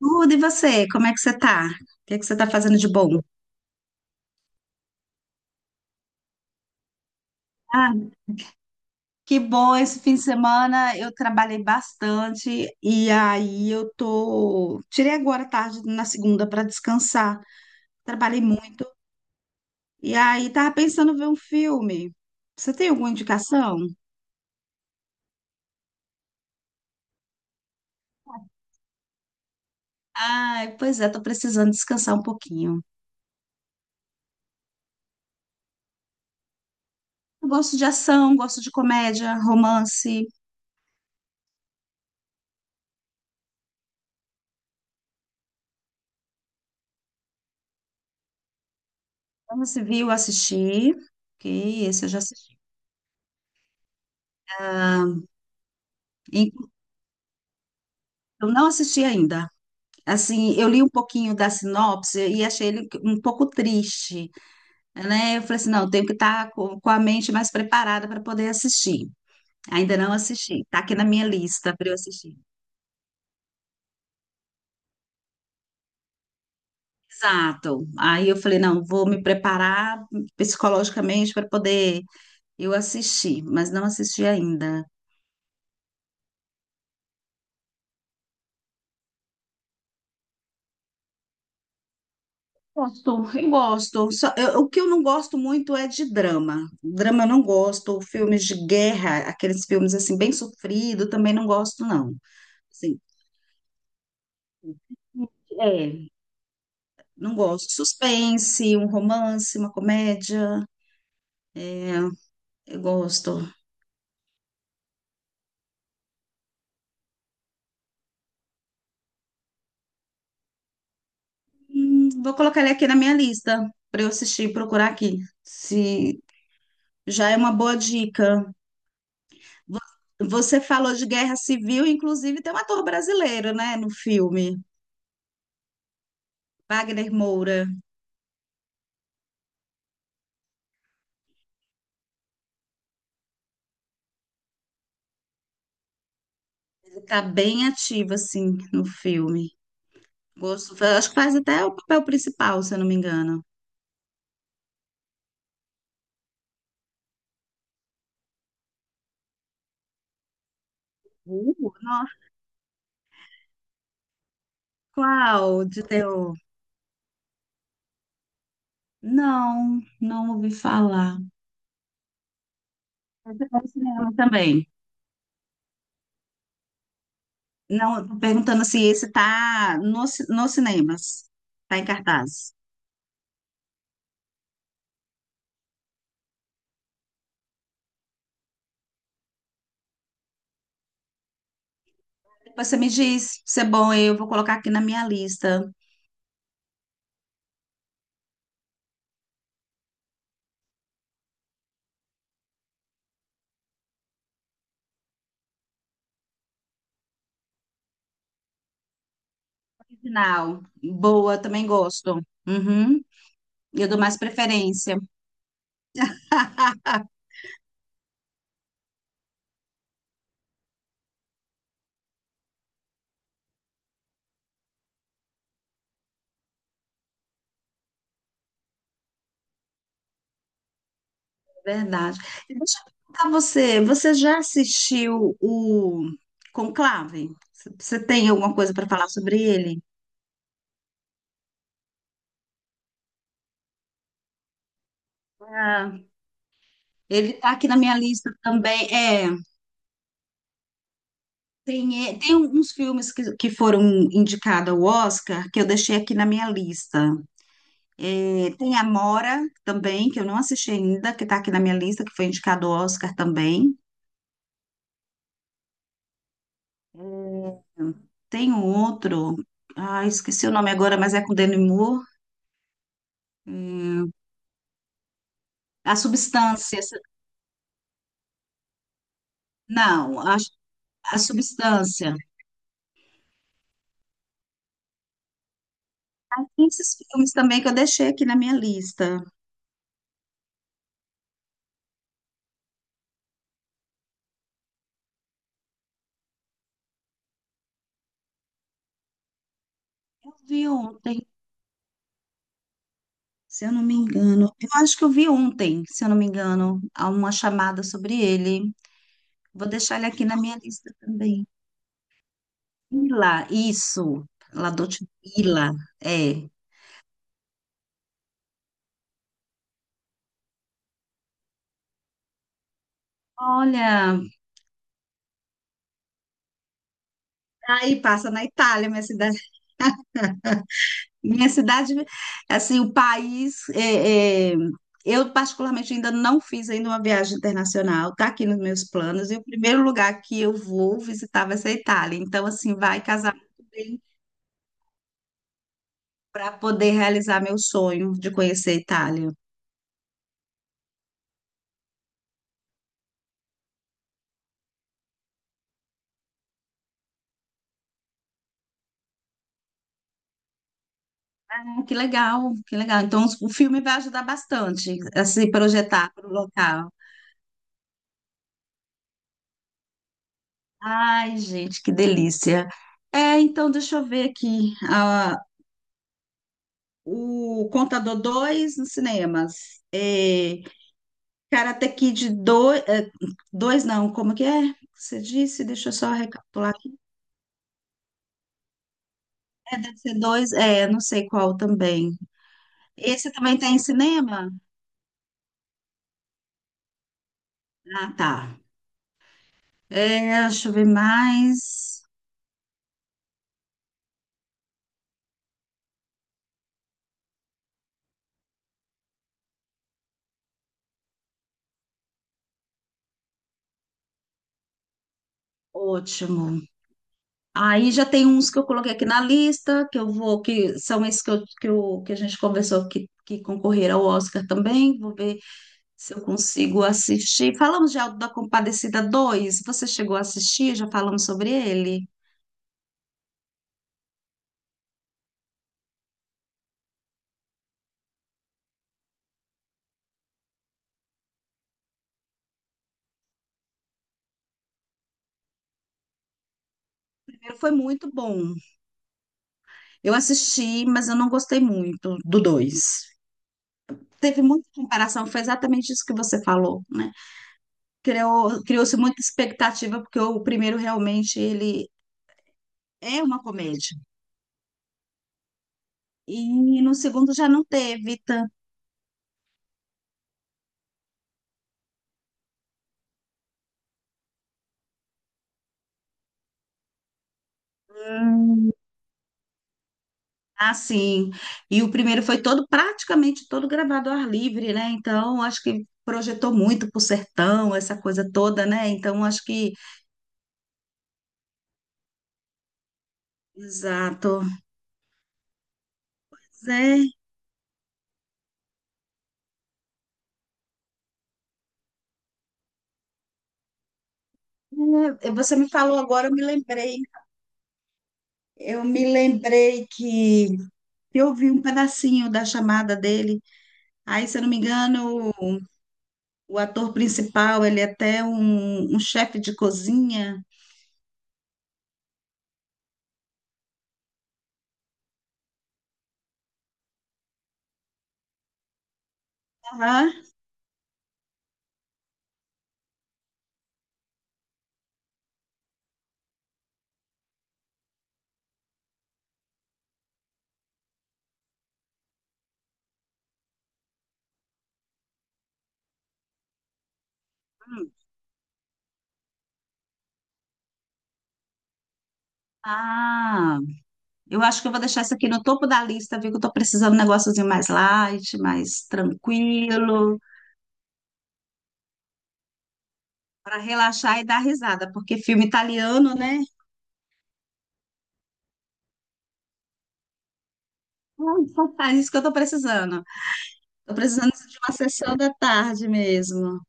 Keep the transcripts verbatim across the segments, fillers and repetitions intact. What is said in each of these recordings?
Tudo, e você? Como é que você tá? O que é que você tá fazendo de bom? Ah, que bom, esse fim de semana eu trabalhei bastante e aí eu tô. Tirei agora à tarde na segunda para descansar. Trabalhei muito e aí tava pensando em ver um filme. Você tem alguma indicação? Ai, pois é, tô precisando descansar um pouquinho. Eu gosto de ação, gosto de comédia, romance. Como se viu, assisti. Ok, esse eu já assisti. Ah, e- eu não assisti ainda. Assim, eu li um pouquinho da sinopse e achei ele um pouco triste, né? Eu falei assim, não, eu tenho que estar com, com a mente mais preparada para poder assistir. Ainda não assisti, está aqui na minha lista para eu assistir. Exato. Aí eu falei, não, vou me preparar psicologicamente para poder eu assistir, mas não assisti ainda. Gosto, eu gosto. Só- eu- o que eu não gosto muito é de drama. Drama eu não gosto, filmes de guerra, aqueles filmes assim bem sofrido, também não gosto, não. É, não gosto. Suspense, um romance, uma comédia, eu gosto. Hum, vou colocar ele aqui na minha lista para eu assistir e procurar aqui. Se já é uma boa dica. Vo- Você falou de guerra civil, inclusive tem um ator brasileiro, né, no filme, Wagner Moura. Ele tá bem ativo assim no filme. Gosto, acho que faz até o papel principal, se eu não me engano. Uh, nossa, qual de terror? Não, não ouvi falar. Eu fui ao cinema também. Não, tô perguntando se esse tá no, ci- nos cinemas. Tá em cartaz. Depois você me diz se é bom, eu vou colocar aqui na minha lista. Final. Boa, também gosto. Uhum. Eu dou mais preferência, verdade. E deixa eu perguntar a você, você já assistiu o Conclave? C- Você tem alguma coisa para falar sobre ele? Ah, ele tá aqui na minha lista também. É. Tem, é, tem uns filmes que, que foram indicados ao Oscar que eu deixei aqui na minha lista. É, tem Amora também, que eu não assisti ainda, que está aqui na minha lista, que foi indicado ao Oscar também. Hum, Tem um outro, ah, esqueci o nome agora, mas é com Demi Moore. Hum, A Substância, não, a, a Substância. Tem esses filmes também que eu deixei aqui na minha lista. Eu vi ontem. Se eu não me engano, eu acho que eu vi ontem, se eu não me engano, há uma chamada sobre ele. Vou deixar ele aqui na minha lista também. Ila, isso. La Dolce Villa, é. Olha, aí passa na Itália, minha cidade. Minha cidade, assim, o país. É, é, eu, particularmente, ainda não fiz ainda uma viagem internacional, está aqui nos meus planos, e o primeiro lugar que eu vou visitar vai ser a Itália. Então, assim, vai casar muito bem para poder realizar meu sonho de conhecer a Itália. Ah, que legal, que legal. Então, o filme vai ajudar bastante a se projetar para o local. Ai, gente, que delícia. É, então, deixa eu ver aqui. Ah, o Contador dois nos cinemas. É, Karate Kid dois, é, dois não, como que é? Você disse? Deixa eu só recapitular aqui. É, deve ser dois, é, não sei qual também. Esse também tem em cinema? Ah, tá. É, deixa eu ver mais. Ótimo. Aí já tem uns que eu coloquei aqui na lista, que eu vou, que são esses que, eu, que, eu, que a gente conversou que, que concorreram ao Oscar também. Vou ver se eu consigo assistir. Falamos de Auto da Compadecida dois. Você chegou a assistir? Já falamos sobre ele? Primeiro foi muito bom. Eu assisti, mas eu não gostei muito do dois. Teve muita comparação, foi exatamente isso que você falou, né? Criou, criou-se muita expectativa, porque o primeiro realmente ele é uma comédia. E no segundo já não teve tanto. Hum, assim. E o primeiro foi todo, praticamente todo gravado ao ar livre, né? Então, acho que projetou muito pro sertão, essa coisa toda, né? Então, acho que. Exato. Mas é, é, você me falou agora, eu me lembrei. Eu me lembrei que eu ouvi um pedacinho da chamada dele. Aí, se eu não me engano, o ator principal, ele é até um, um chefe de cozinha. Aham. Hum. Ah, eu acho que eu vou deixar isso aqui no topo da lista, viu? Que eu tô precisando de um negóciozinho mais light, mais tranquilo, para relaxar e dar risada, porque filme italiano, né? É isso que eu tô precisando. Tô precisando de uma sessão da tarde mesmo.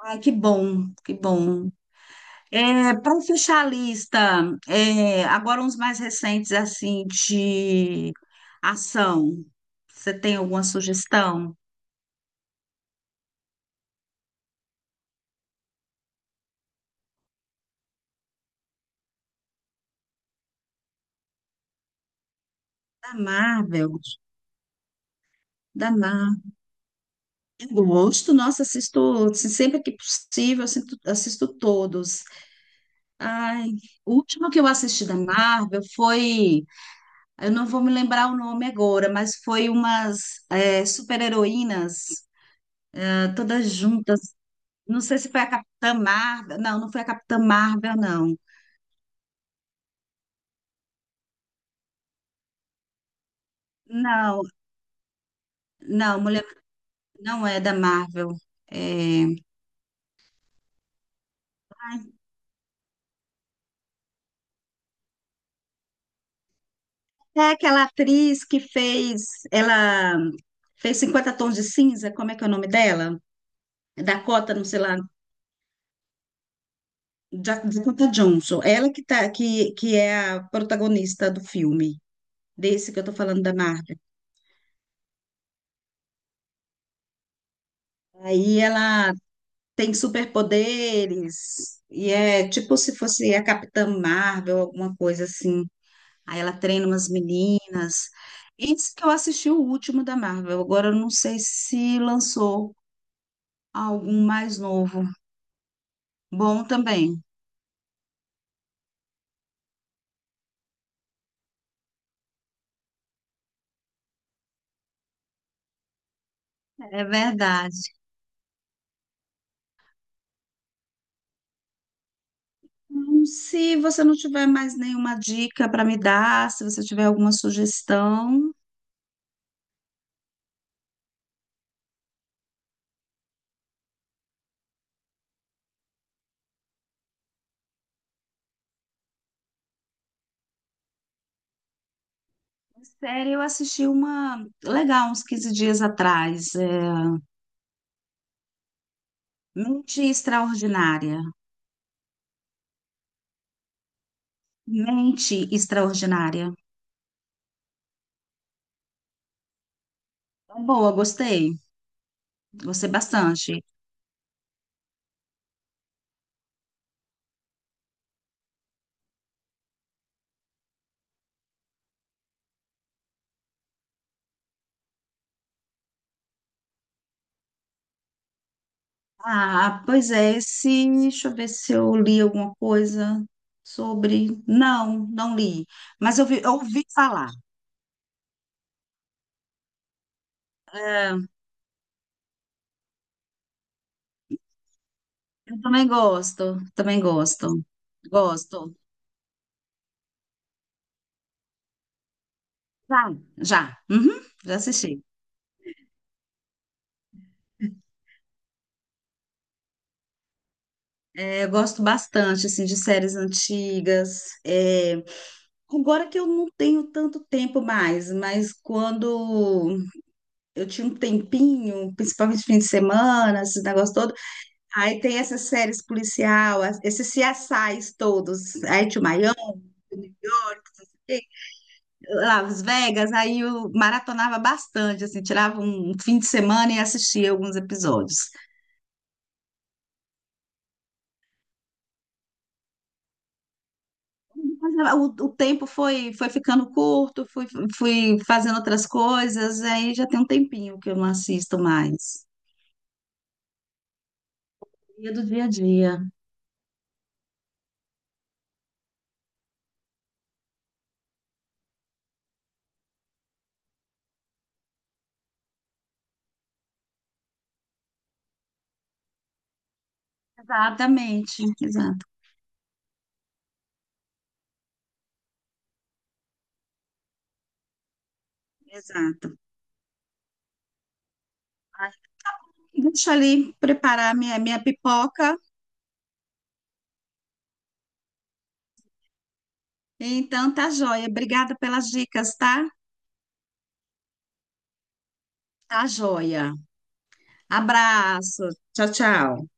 Ai, que bom, que bom. É, para fechar a lista, é, agora uns mais recentes, assim, de ação. Você tem alguma sugestão? Da Marvel, da Marvel. Eu gosto, nossa, assisto assim, sempre que possível, assisto, assisto todos. Ai, o último que eu assisti da Marvel foi, eu não vou me lembrar o nome agora, mas foi umas é, super-heroínas, ah, todas juntas. Não sei se foi a Capitã Marvel, não, não foi a Capitã Marvel, não. Não, não, mulher não é da Marvel. É, é aquela atriz que fez, ela fez Cinquenta Tons de Cinza, como é que é o nome dela? Dakota, não sei lá, Ja- Dakota Johnson. Ela que tá, que, que é a protagonista do filme, desse que eu tô falando da Marvel. Aí ela tem superpoderes e é tipo se fosse a Capitã Marvel, alguma coisa assim. Aí ela treina umas meninas. Esse que eu assisti o último da Marvel. Agora eu não sei se lançou algum mais novo. Bom também. É verdade. Hum, Se você não tiver mais nenhuma dica para me dar, se você tiver alguma sugestão, série eu assisti uma legal uns quinze dias atrás. É, Mente Extraordinária. Mente Extraordinária. Boa, gostei. Gostei bastante. Ah, pois é, esse, deixa eu ver se eu li alguma coisa sobre. Não, não li, mas eu vi- eu ouvi falar. É, eu também gosto, também gosto, gosto. Já, já, uhum, já assisti. É, eu gosto bastante, assim, de séries antigas. É, agora que eu não tenho tanto tempo mais, mas quando eu tinha um tempinho, principalmente fim de semana, esses negócios. Aí tem essas séries policial, as- esses C S Is todos, aí tinha o Miami, Las Vegas, aí eu maratonava bastante, assim, tirava um fim de semana e assistia alguns episódios. Mas ah, O, o tempo foi, foi ficando curto, fui, fui fazendo outras coisas, aí já tem um tempinho que eu não assisto mais. Dia do dia a dia. Exatamente, exato, exato. Deixa eu ali preparar minha, minha pipoca. Então tá joia. Obrigada pelas dicas, tá? Tá joia. Abraço. Tchau, tchau.